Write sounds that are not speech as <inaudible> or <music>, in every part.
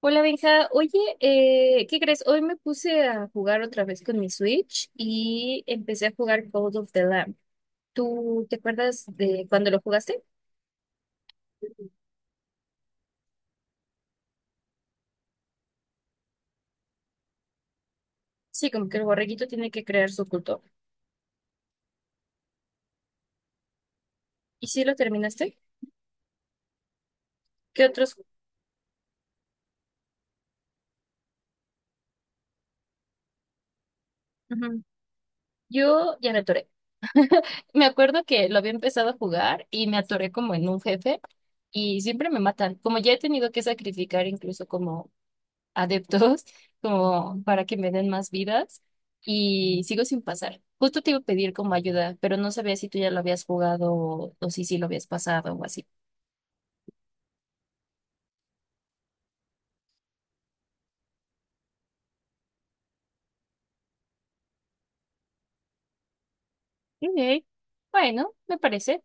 Hola Benja, oye, ¿qué crees? Hoy me puse a jugar otra vez con mi Switch y empecé a jugar Call of the Lamb. ¿Tú te acuerdas de cuando lo jugaste? Sí, como que el borreguito tiene que crear su culto. ¿Y si lo terminaste? ¿Qué otros? Ujú. Yo ya me atoré. Me acuerdo que lo había empezado a jugar y me atoré como en un jefe y siempre me matan. Como ya he tenido que sacrificar incluso como adeptos como para que me den más vidas y sigo sin pasar. Justo te iba a pedir como ayuda, pero no sabía si tú ya lo habías jugado o si sí lo habías pasado o así. Ok. Bueno, me parece.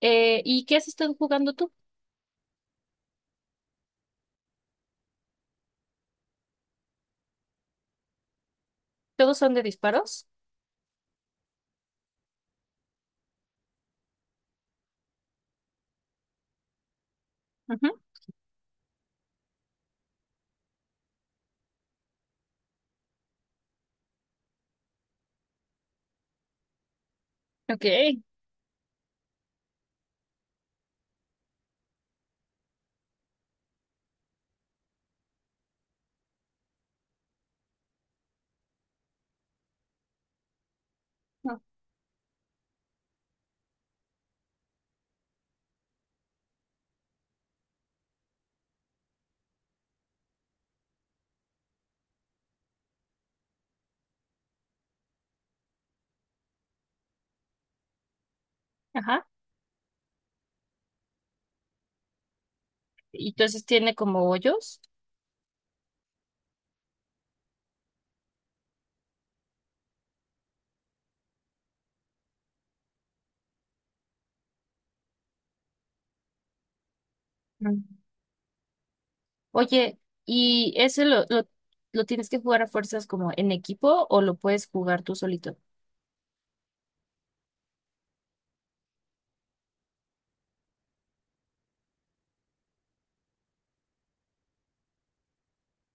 ¿Y qué has estado jugando tú? ¿Todos son de disparos? Ujú. Ok. Ah. Ajá. Y entonces tiene como hoyos. Mm. Oye, ¿y ese lo tienes que jugar a fuerzas como en equipo o lo puedes jugar tú solito?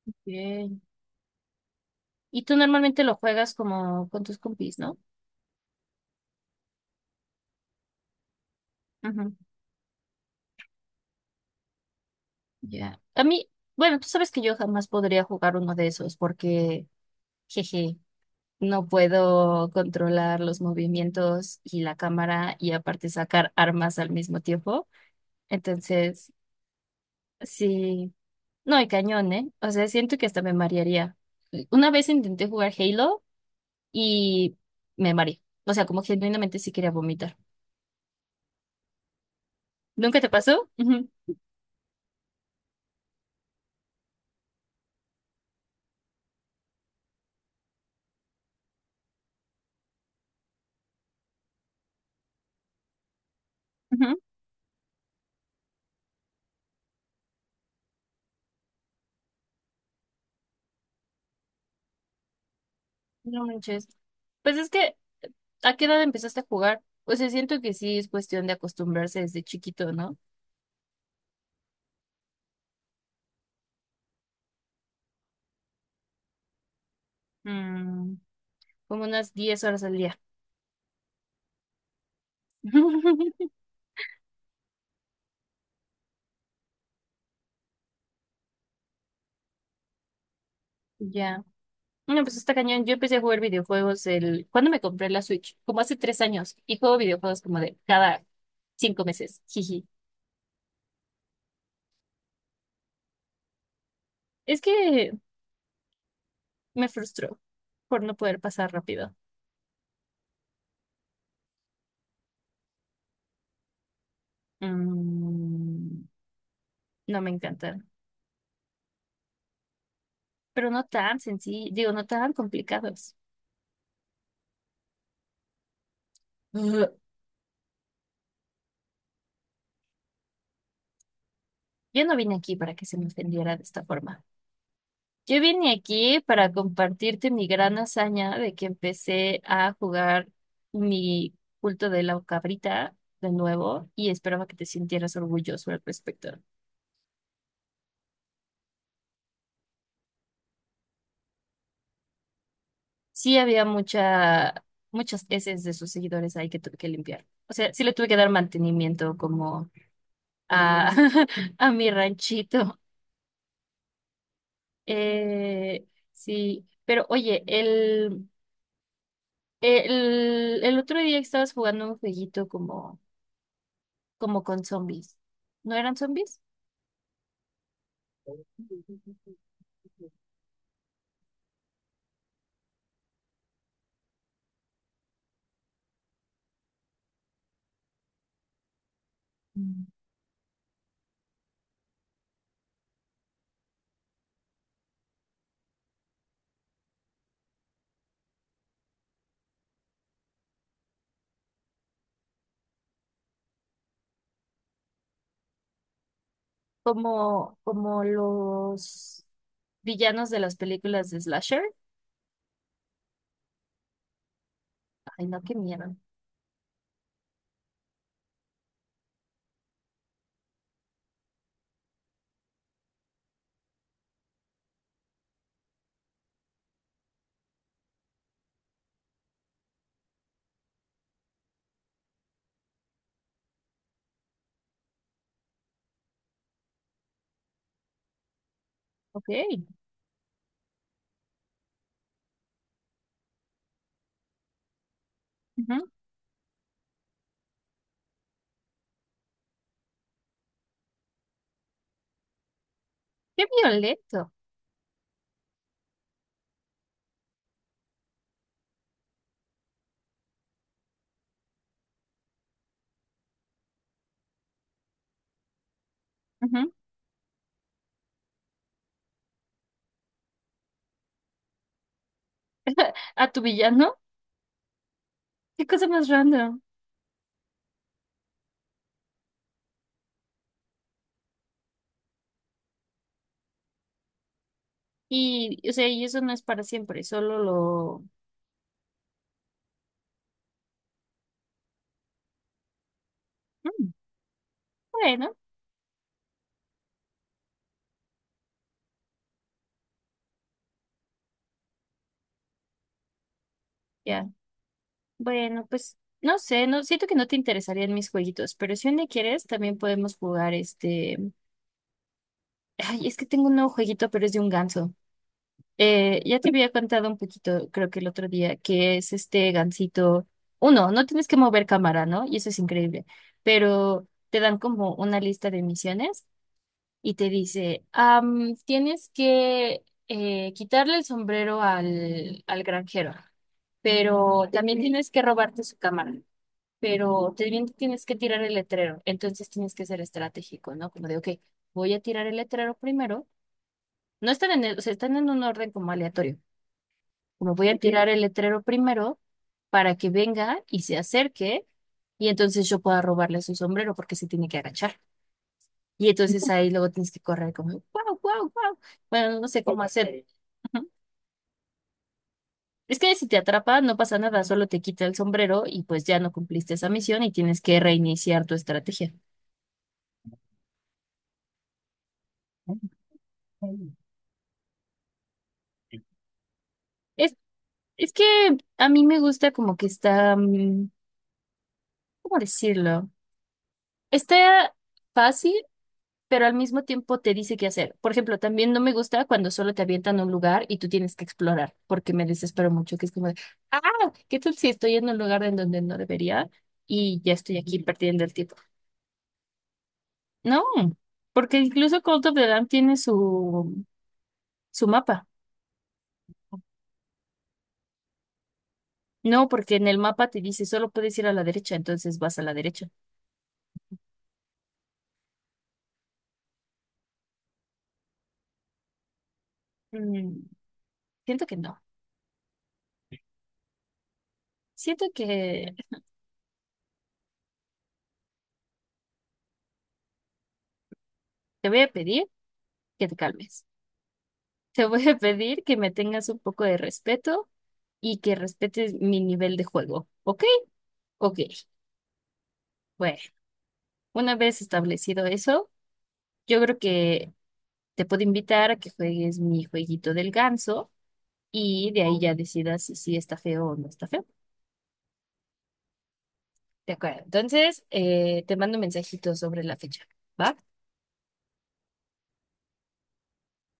Ok. Y tú normalmente lo juegas como con tus compis, ¿no? Ujú. Ya. A mí, bueno, tú sabes que yo jamás podría jugar uno de esos porque, jeje, no puedo controlar los movimientos y la cámara y aparte sacar armas al mismo tiempo. Entonces, sí, no, y cañón, ¿eh? O sea, siento que hasta me marearía. Una vez intenté jugar Halo y me mareé. O sea, como genuinamente sí quería vomitar. ¿Nunca te pasó? Ujú. Ujú. No manches. Pues es que ¿a qué edad empezaste a jugar? O sea, siento que sí es cuestión de acostumbrarse desde chiquito, ¿no? Mm. Como unas 10 horas al día. <laughs> Ya. No, pues está cañón. Yo empecé a jugar videojuegos el... ¿Cuándo me compré la Switch? Como hace 3 años. Y juego videojuegos como de cada 5 meses. Jiji. Es que me frustró por no poder pasar rápido. Mm. No me encantan. Pero no tan sencillo, digo, no tan complicados. Ugh. Yo no vine aquí para que se me ofendiera de esta forma. Yo vine aquí para compartirte mi gran hazaña de que empecé a jugar mi culto de la cabrita de nuevo y esperaba que te sintieras orgulloso al respecto. Sí había mucha, muchas heces de sus seguidores ahí que tuve que limpiar. O sea, sí le tuve que dar mantenimiento como a, <laughs> a mi ranchito. Eh, sí, pero oye, el otro día que estabas jugando un jueguito como como con zombies. ¿No eran zombies? Mm. Como, como los villanos de las películas de Slasher. Ay, no, qué miedo. Ok. Ujú. Qué violento. Ujú. ¿A tu villano? Qué cosa más random. Y, o sea, y eso no es para siempre, solo lo... Mm. Bueno, ya. Bueno, pues no sé, no siento que no te interesarían mis jueguitos, pero si un día quieres, también podemos jugar este... Ay, es que tengo un nuevo jueguito, pero es de un ganso. Ya te había contado un poquito, creo que el otro día, que es este gansito. Uno, no tienes que mover cámara, ¿no? Y eso es increíble. Pero te dan como una lista de misiones y te dice, tienes que quitarle el sombrero al granjero, pero también tienes que robarte su cámara, pero también tienes que tirar el letrero. Entonces tienes que ser estratégico, ¿no? Como de, ok, voy a tirar el letrero primero. No están en el, o sea, están en un orden como aleatorio como voy a tirar el letrero primero para que venga y se acerque y entonces yo pueda robarle su sombrero porque se tiene que agachar. Y entonces ahí luego tienes que correr como, wow, wow, wow. Bueno, no sé cómo hacer. Ujú. Es que si te atrapa, no pasa nada, solo te quita el sombrero y pues ya no cumpliste esa misión y tienes que reiniciar tu estrategia. Es, es que a mí me gusta como que está, mm, ¿cómo decirlo? Está fácil pero al mismo tiempo te dice qué hacer. Por ejemplo, también no me gusta cuando solo te avientan a un lugar y tú tienes que explorar, porque me desespero mucho, que es como de, ah, ¿qué tal si estoy en un lugar en donde no debería y ya estoy aquí perdiendo el tiempo? No, porque incluso Call of the Lamb tiene su, su mapa. No, porque en el mapa te dice solo puedes ir a la derecha, entonces vas a la derecha. Mm, siento que no. Siento que te voy a pedir que te calmes. Te voy a pedir que me tengas un poco de respeto y que respetes mi nivel de juego. ¿Ok? Ok. Bueno, una vez establecido eso, yo creo que te puedo invitar a que juegues mi jueguito del ganso y de ahí ya decidas si sí está feo o no está feo. De acuerdo. Entonces, te mando un mensajito sobre la fecha. ¿Va?